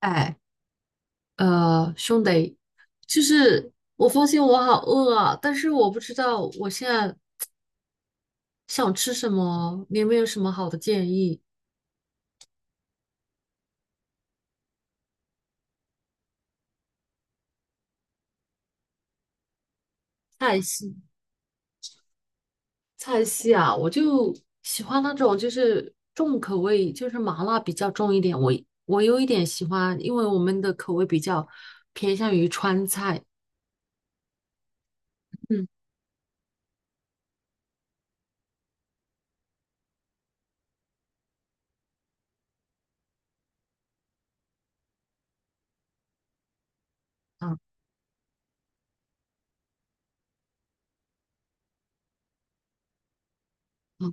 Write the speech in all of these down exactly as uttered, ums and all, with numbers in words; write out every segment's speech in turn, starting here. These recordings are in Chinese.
哎，呃，兄弟，就是我发现我好饿啊，但是我不知道我现在想吃什么，你有没有什么好的建议？菜系，菜系啊，我就喜欢那种就是重口味，就是麻辣比较重一点。我我有一点喜欢，因为我们的口味比较偏向于川菜。嗯嗯嗯，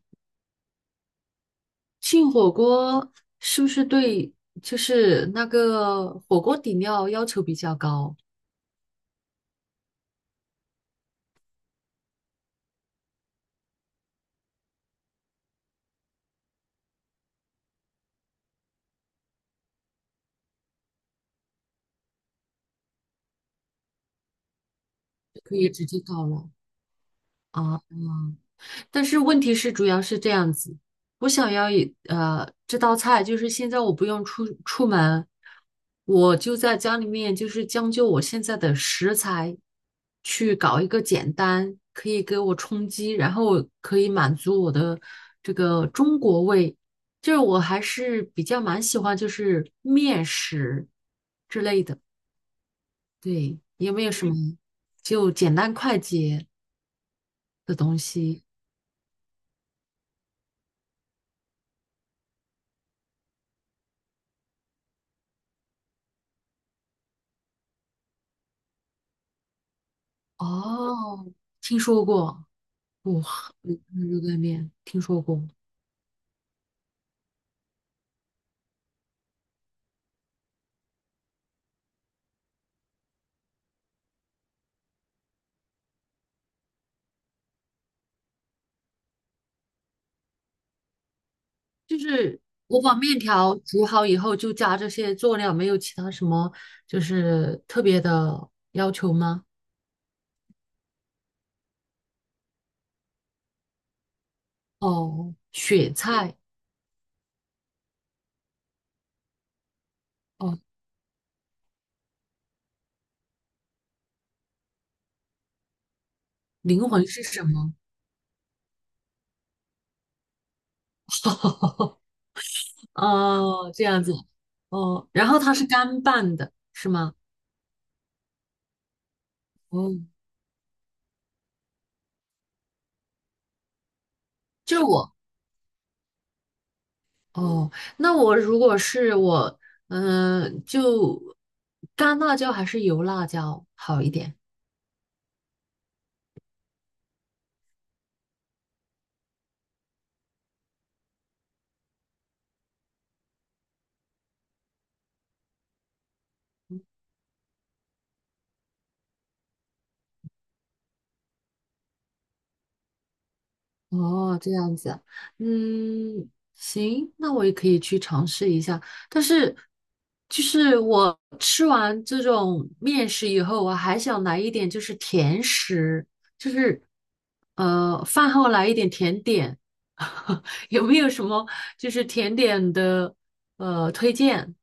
庆火锅是不是对就是那个火锅底料要求比较高？就可以直接搞了。哦，但是问题是，主要是这样子，我想要一呃这道菜，就是现在我不用出出门，我就在家里面，就是将就我现在的食材，去搞一个简单，可以给我充饥，然后可以满足我的这个中国胃，就是我还是比较蛮喜欢就是面食，对，有没有什么就简单快捷的东西？哦，听说过，哇，没看过热干面，听说过。就是我把面条煮好以后，就加这些佐料，没有其他什么就是特别的要求吗？哦，雪菜，哦，灵魂是什么？哦，这样子，哦，然后它是干拌的，是吗？哦，就是我。哦，那我如果是我，嗯、就干辣椒还是油辣椒好一点？哦，这样子，嗯，行，那我也可以去尝试一下。但是，就是我吃完这种面食以后，我还想来一点就是甜食，就是呃，饭后来一点甜点，有没有什么就是甜点的呃推荐？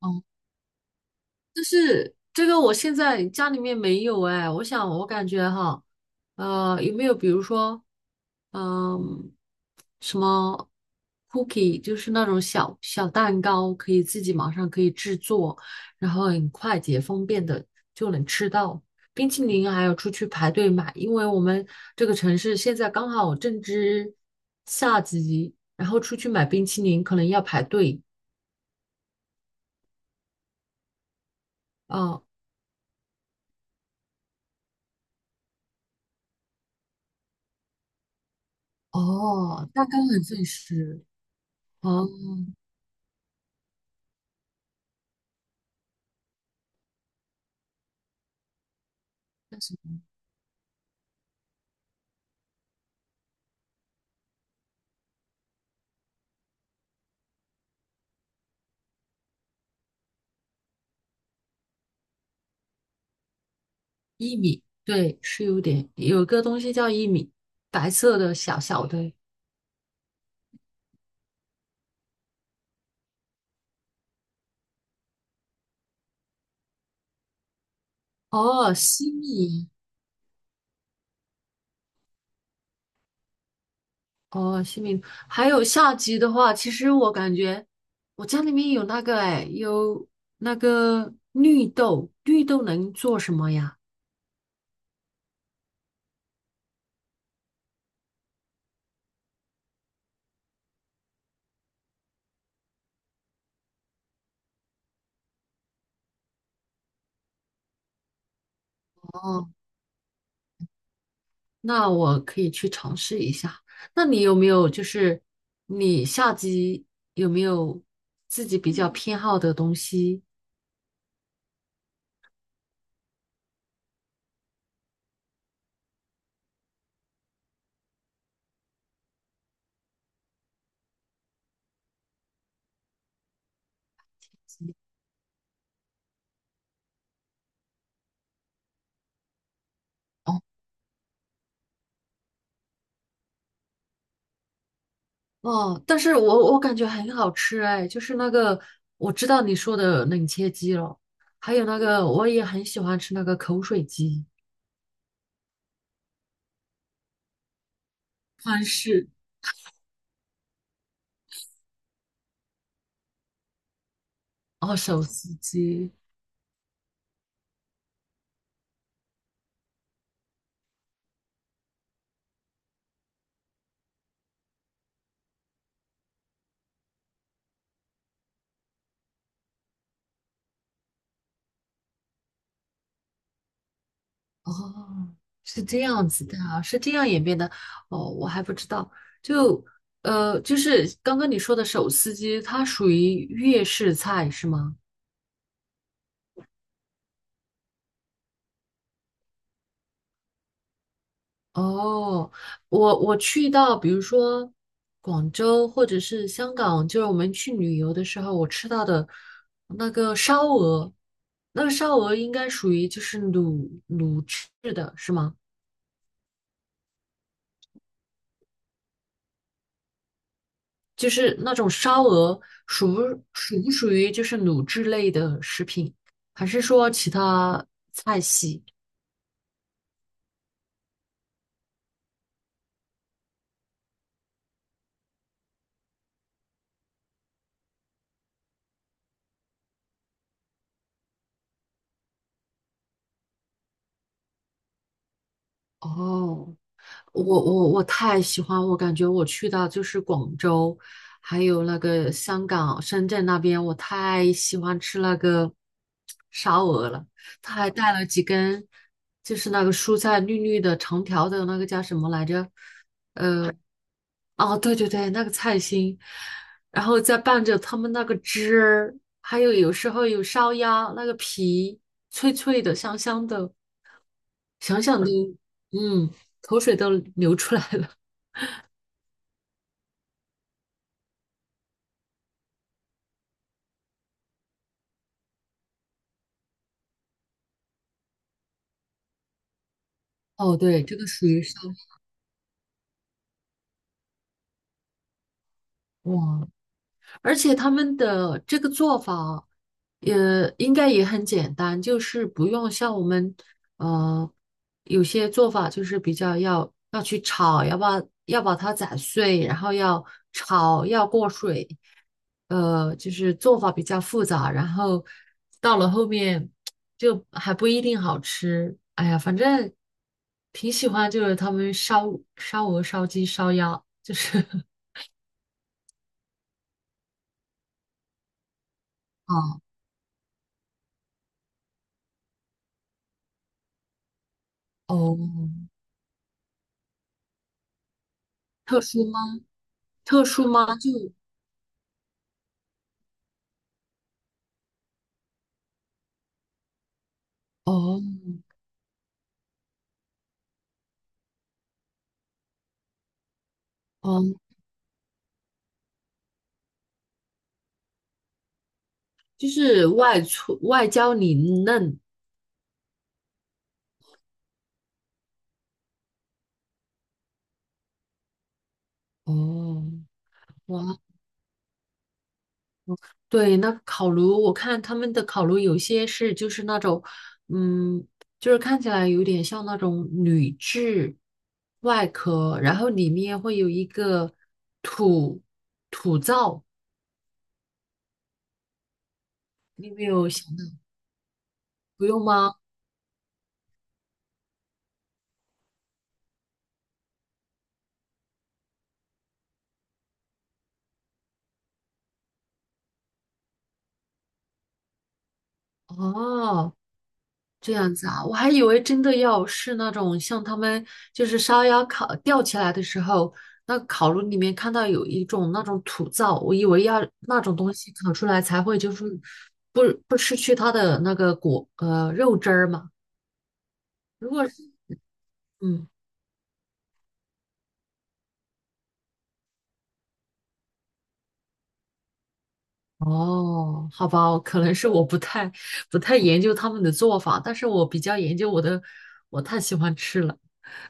嗯。这个我现在家里面没有哎，我想我感觉哈，呃，有没有比如说，嗯、什么 cookie，就是那种小小蛋糕，可以自己马上可以制作，然后很快捷方便的就能吃到。冰淇淋还要出去排队买，因为我们这个城市现在刚好正值夏季，然后出去买冰淇淋可能要排队啊。哦，蛋糕很费时哦。薏米，对，是有点，有个东西叫薏米，白色的小小的。哦，西米，哦，西米，还有下集的话，其实我感觉我家里面有那个，哎，有那个绿豆，绿豆能做什么呀？哦，那我可以去尝试一下。那你有没有就是你下集有没有自己比较偏好的东西？哦，哦，但是我我感觉很好吃哎，就是那个我知道你说的冷切鸡了，还有那个我也很喜欢吃那个口水鸡、川式哦手撕鸡哦，是这样子的啊是这样演变的哦，我还不知道，就呃就是刚刚你说的手撕鸡，它属于粤式菜是吗？哦，我我去到比如说广州或者是香港，就是我们去旅游的时候，我吃到的那个烧鹅，那个烧鹅应该属于就是卤卤制的，是吗？就是那种烧鹅属不属不属于就是卤制类的食品，还是说其他菜系？哦，我我我太喜欢，我感觉我去到就是广州，还有那个香港、深圳那边，我太喜欢吃那个烧鹅了。他还带了几根，就是那个蔬菜绿绿的、长条的那个叫什么来着？哦，对对对，那个菜心，然后再拌着他们那个汁儿，还有有时候有烧鸭那个皮，脆脆的、香香的，想想都，嗯，口水都流出来了。哦，对，这个属于烧哇，而且他们的这个做法也应该也很简单，就是不用像我们呃有些做法就是比较要要去炒，要把要把它砸碎，然后要炒，要过水，呃，就是做法比较复杂，然后到了后面就还不一定好吃。哎呀，反正挺喜欢，就是他们烧烧鹅、烧鸡、烧鸭，就是啊，哦，特殊吗？特殊吗？就哦哦，就是外粗外焦里嫩。哦，哇，对，那烤炉，我看他们的烤炉有些是就是那种，嗯，就是看起来有点像那种铝制外壳，然后里面会有一个土土灶，你有没有想到？不用吗？哦，这样子啊，我还以为真的要是那种像他们就是烧鸭烤吊起来的时候，那烤炉里面看到有一种那种土灶，我以为要那种东西烤出来才会就是不不失去它的那个果呃肉汁儿嘛。如果是嗯哦，好吧，可能是我不太不太研究他们的做法，但是我比较研究我的，我太喜欢吃了。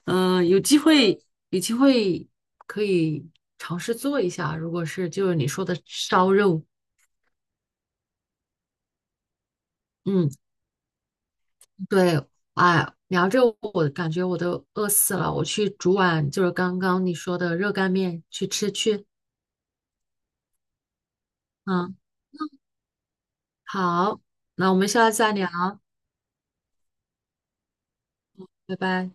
嗯、呃有机会，有机会可以尝试做一下。如果是就是你说的烧肉，嗯，对，哎，聊着我感觉我都饿死了，我去煮碗就是刚刚你说的热干面去吃去。嗯，好，那我们下次再聊，拜拜。